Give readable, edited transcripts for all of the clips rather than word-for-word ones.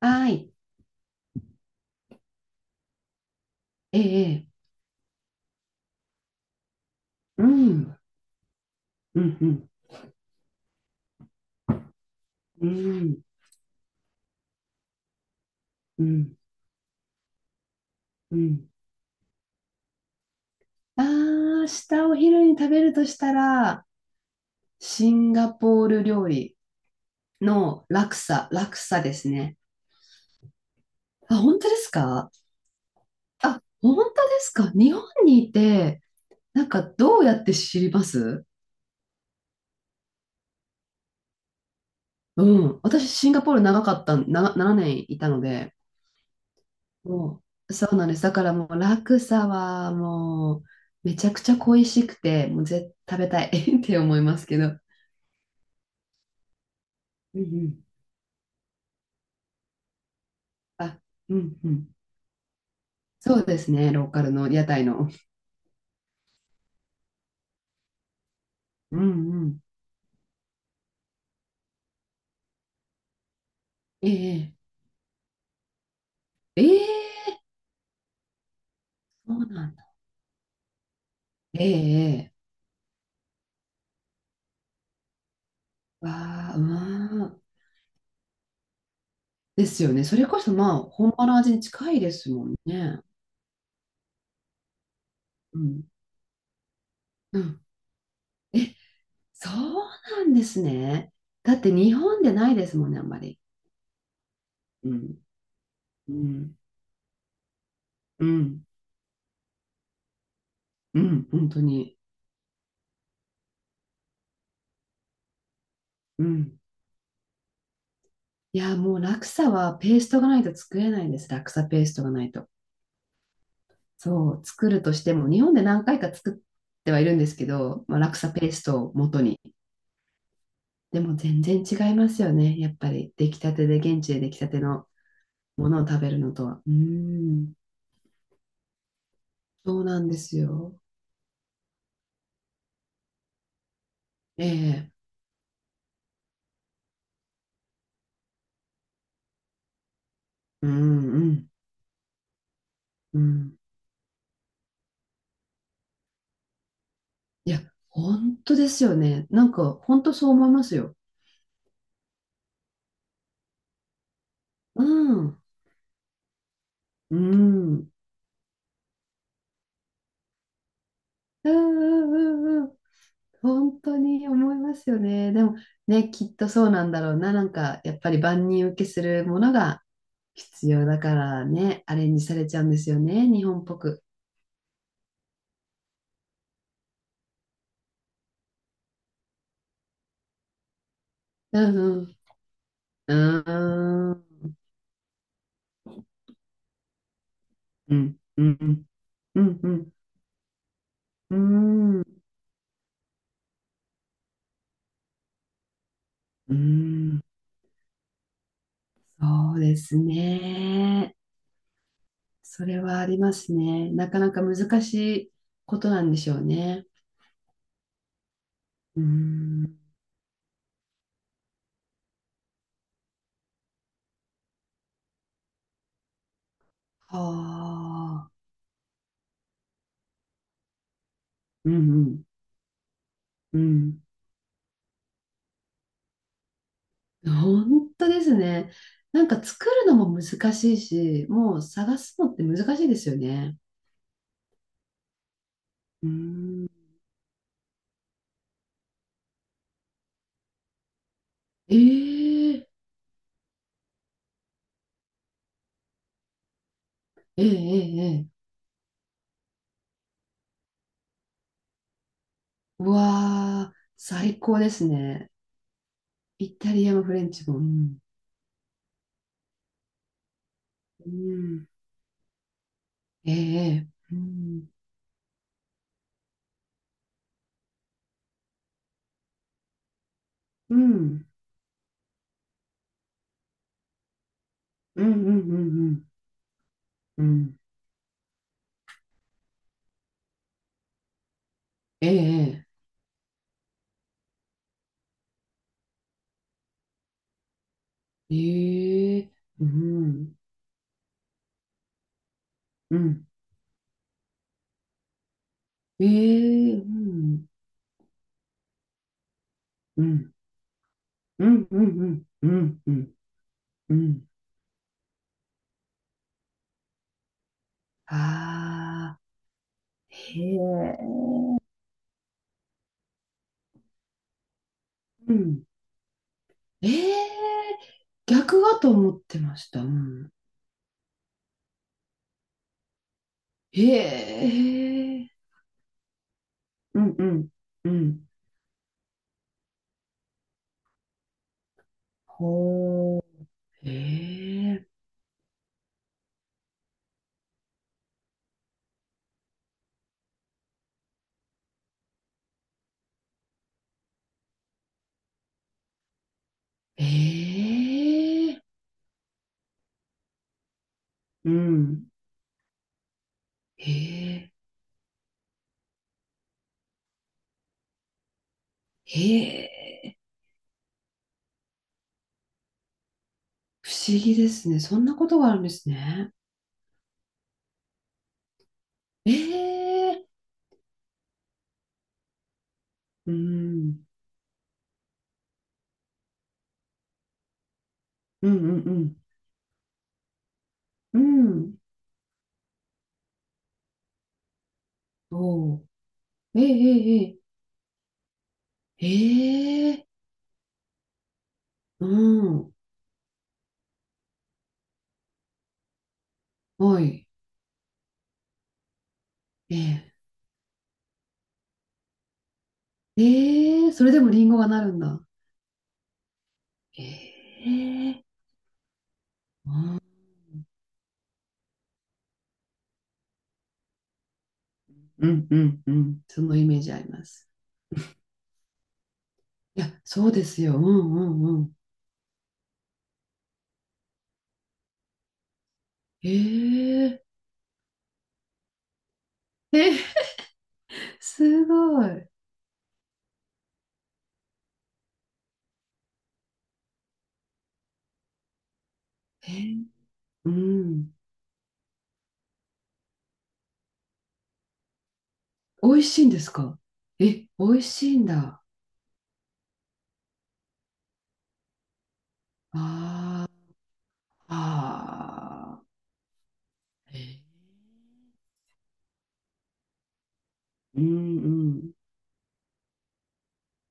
はい。ええ、ええ。うん、うん、うん、うん、うん。ああー、下お昼に食べるとしたら、シンガポール料理のラクサ、ラクサですね。あ、本当ですか？あ、本当ですか？日本にいて、なんかどうやって知ります？うん。私、シンガポール長かった、7年いたので、もう、そうなんです。だからもう、落差はもう、めちゃくちゃ恋しくて、もう絶食べたい って思いますけど。うんうん。あ、うんうん。そうですね、ローカルの屋台の。うんうん。ええええ、そうなんだ。ええええ、わあ、うわあ。ですよね。それこそまあ、本場の味に近いですもんね。うん。うん。え、そうなんですね。だって日本でないですもんね、あんまり。うん。うん。うん。うん、本当に。うん。いや、もうラクサはペーストがないと作れないんです。ラクサペーストがないと。そう、作るとしても、日本で何回か作ってはいるんですけど、まあ、ラクサペーストを元に。でも全然違いますよね。やっぱり出来たてで、現地で出来たてのものを食べるのとは。うん、そうなんですよ。ええ、うん、うん、うん。いや、本当ですよね。なんか、本当そう思いますよ。うん、うん、うん、うん、うん。うん、本当に思いますよね。でもね、きっとそうなんだろうな。なんか、やっぱり万人受けするものが必要だからね、アレンジされちゃうんですよね、日本っぽく。うん、うん、うーん、うん、うん、うん、うん、うん、うん、そうですね。それはありますね。なかなか難しいことなんでしょうね。うん、はあ、うん、うん、うん。本当ですね。なんか作るのも難しいし、もう探すのって難しいですよね。うーん。ええええええ、ええ、うわあ、最高ですね。イタリアもフレンチも。うん。うん。ええええ、うん。うん。うん。うん。うん。うん。ええええええ、うん。うん。ええ、うん。うん。うん。うん。うん。うん。うん。ああ。へえ。うん。ええ、逆はと思ってました。うん。へえ。うんうん。うん。ほう。ええ。ええ。うん。へえ。へえ。不思議ですね。そんなことがあるんですね。ええ。うん。うんうんうん。うん。おう。ええ、ええ、ええ。ええ。うん。はい。ええ。ええ、それでもリンゴがなるんだ。ええ、うん、うんうんうん。そのイメージあります。いや、そうですよ。うんうんうん。ええ、え、すごい。ええ、うん。美味しいんですか？え、美味しいんだ。あーあー。ええ、うんうん。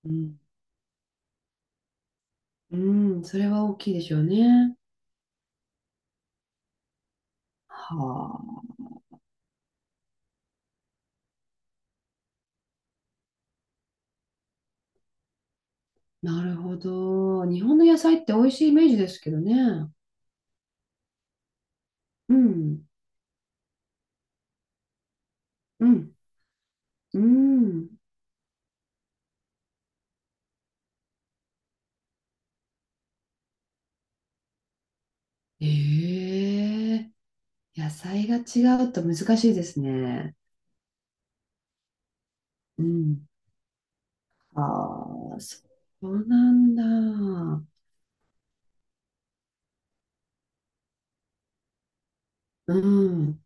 うん、うん、それは大きいでしょうね。はあ。なるほど。日本の野菜って美味しいイメージですけどね。うん、うん、うん。ええ、野菜が違うと難しいですね。うん。ああ、そうなんだ。うん、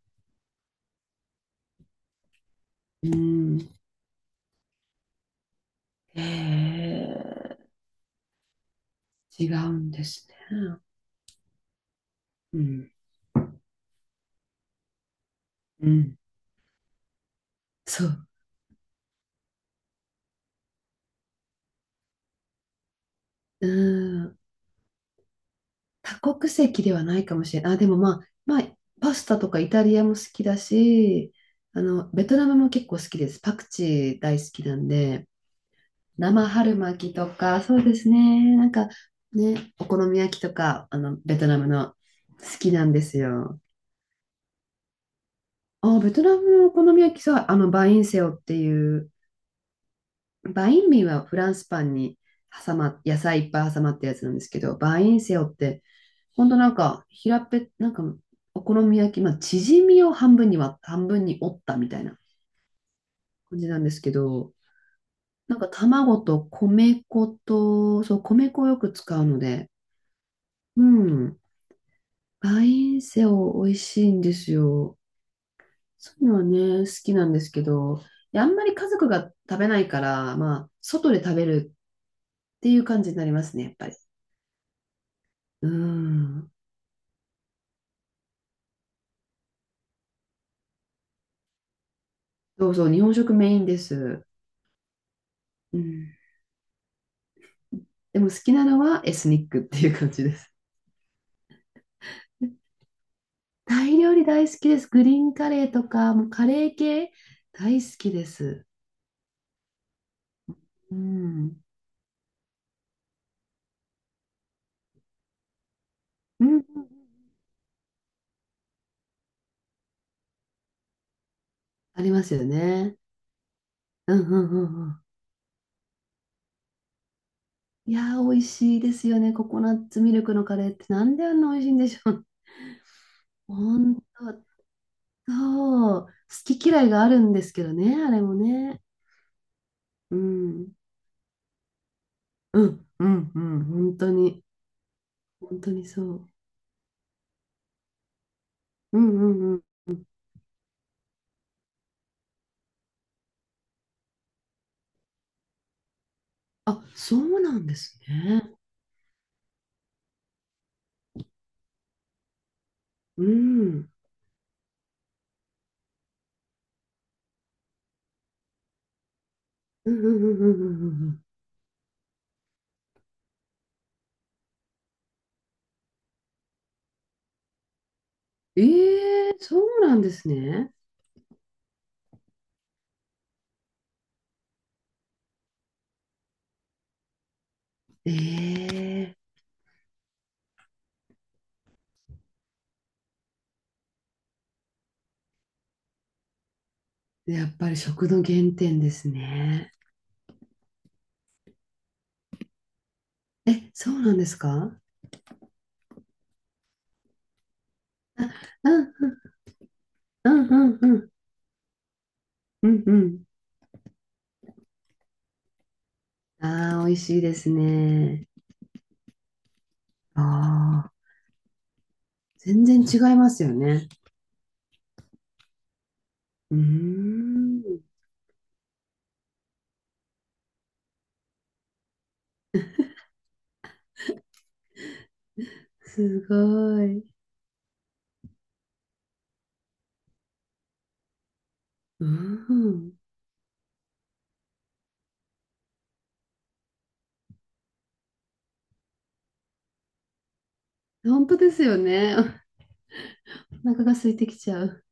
うん。ええ、違うんですね。うん、うん。そう。うん、多国籍ではないかもしれない。あ、でもまあ、まあ、パスタとかイタリアも好きだし、あの、ベトナムも結構好きです。パクチー大好きなんで、生春巻きとか、そうですね。なんかね、お好み焼きとか、あの、ベトナムの好きなんですよ。あ、ベトナムのお好み焼きさ、あの、バインセオっていう、バインミーはフランスパンに野菜いっぱい挟まったやつなんですけど、バインセオってほんとなんか、平っぺなんか、お好み焼き、まあ、縮みを半分に折ったみたいな感じなんですけど、なんか卵と米粉と、そう、米粉をよく使うので、うん、バインセオ美味しいんですよ。そういうのはね、好きなんですけど、いやあんまり家族が食べないから、まあ、外で食べるっていう感じになりますね、やっぱり。うん。そうそう、日本食メインです。うん。でも好きなのはエスニックっていう感じです。タイ料理大好きです。グリーンカレーとか、もうカレー系大好きです。うん。うん。ありますよね。うんうんうんうん。いやー、美味しいですよね。ココナッツミルクのカレーってなんであんな美味しいんでしょう。本当、そう。好き嫌いがあるんですけどね、あれもね。うん。うん、うん、うん。本当に。本当にそう。うん、うん、うん。あ、そうなんですね。うん。うん、うん、うん、うん、うん。うんうん、ええ、そうなんですね。ええ、やっぱり食の原点ですね。え、そうなんですか？うん、うん、うん、うん、うん、うん。ああ、美味しいですね。ああ、全然違いますよね。うーん、すごい。うん、本当ですよね。お腹が空いてきちゃう。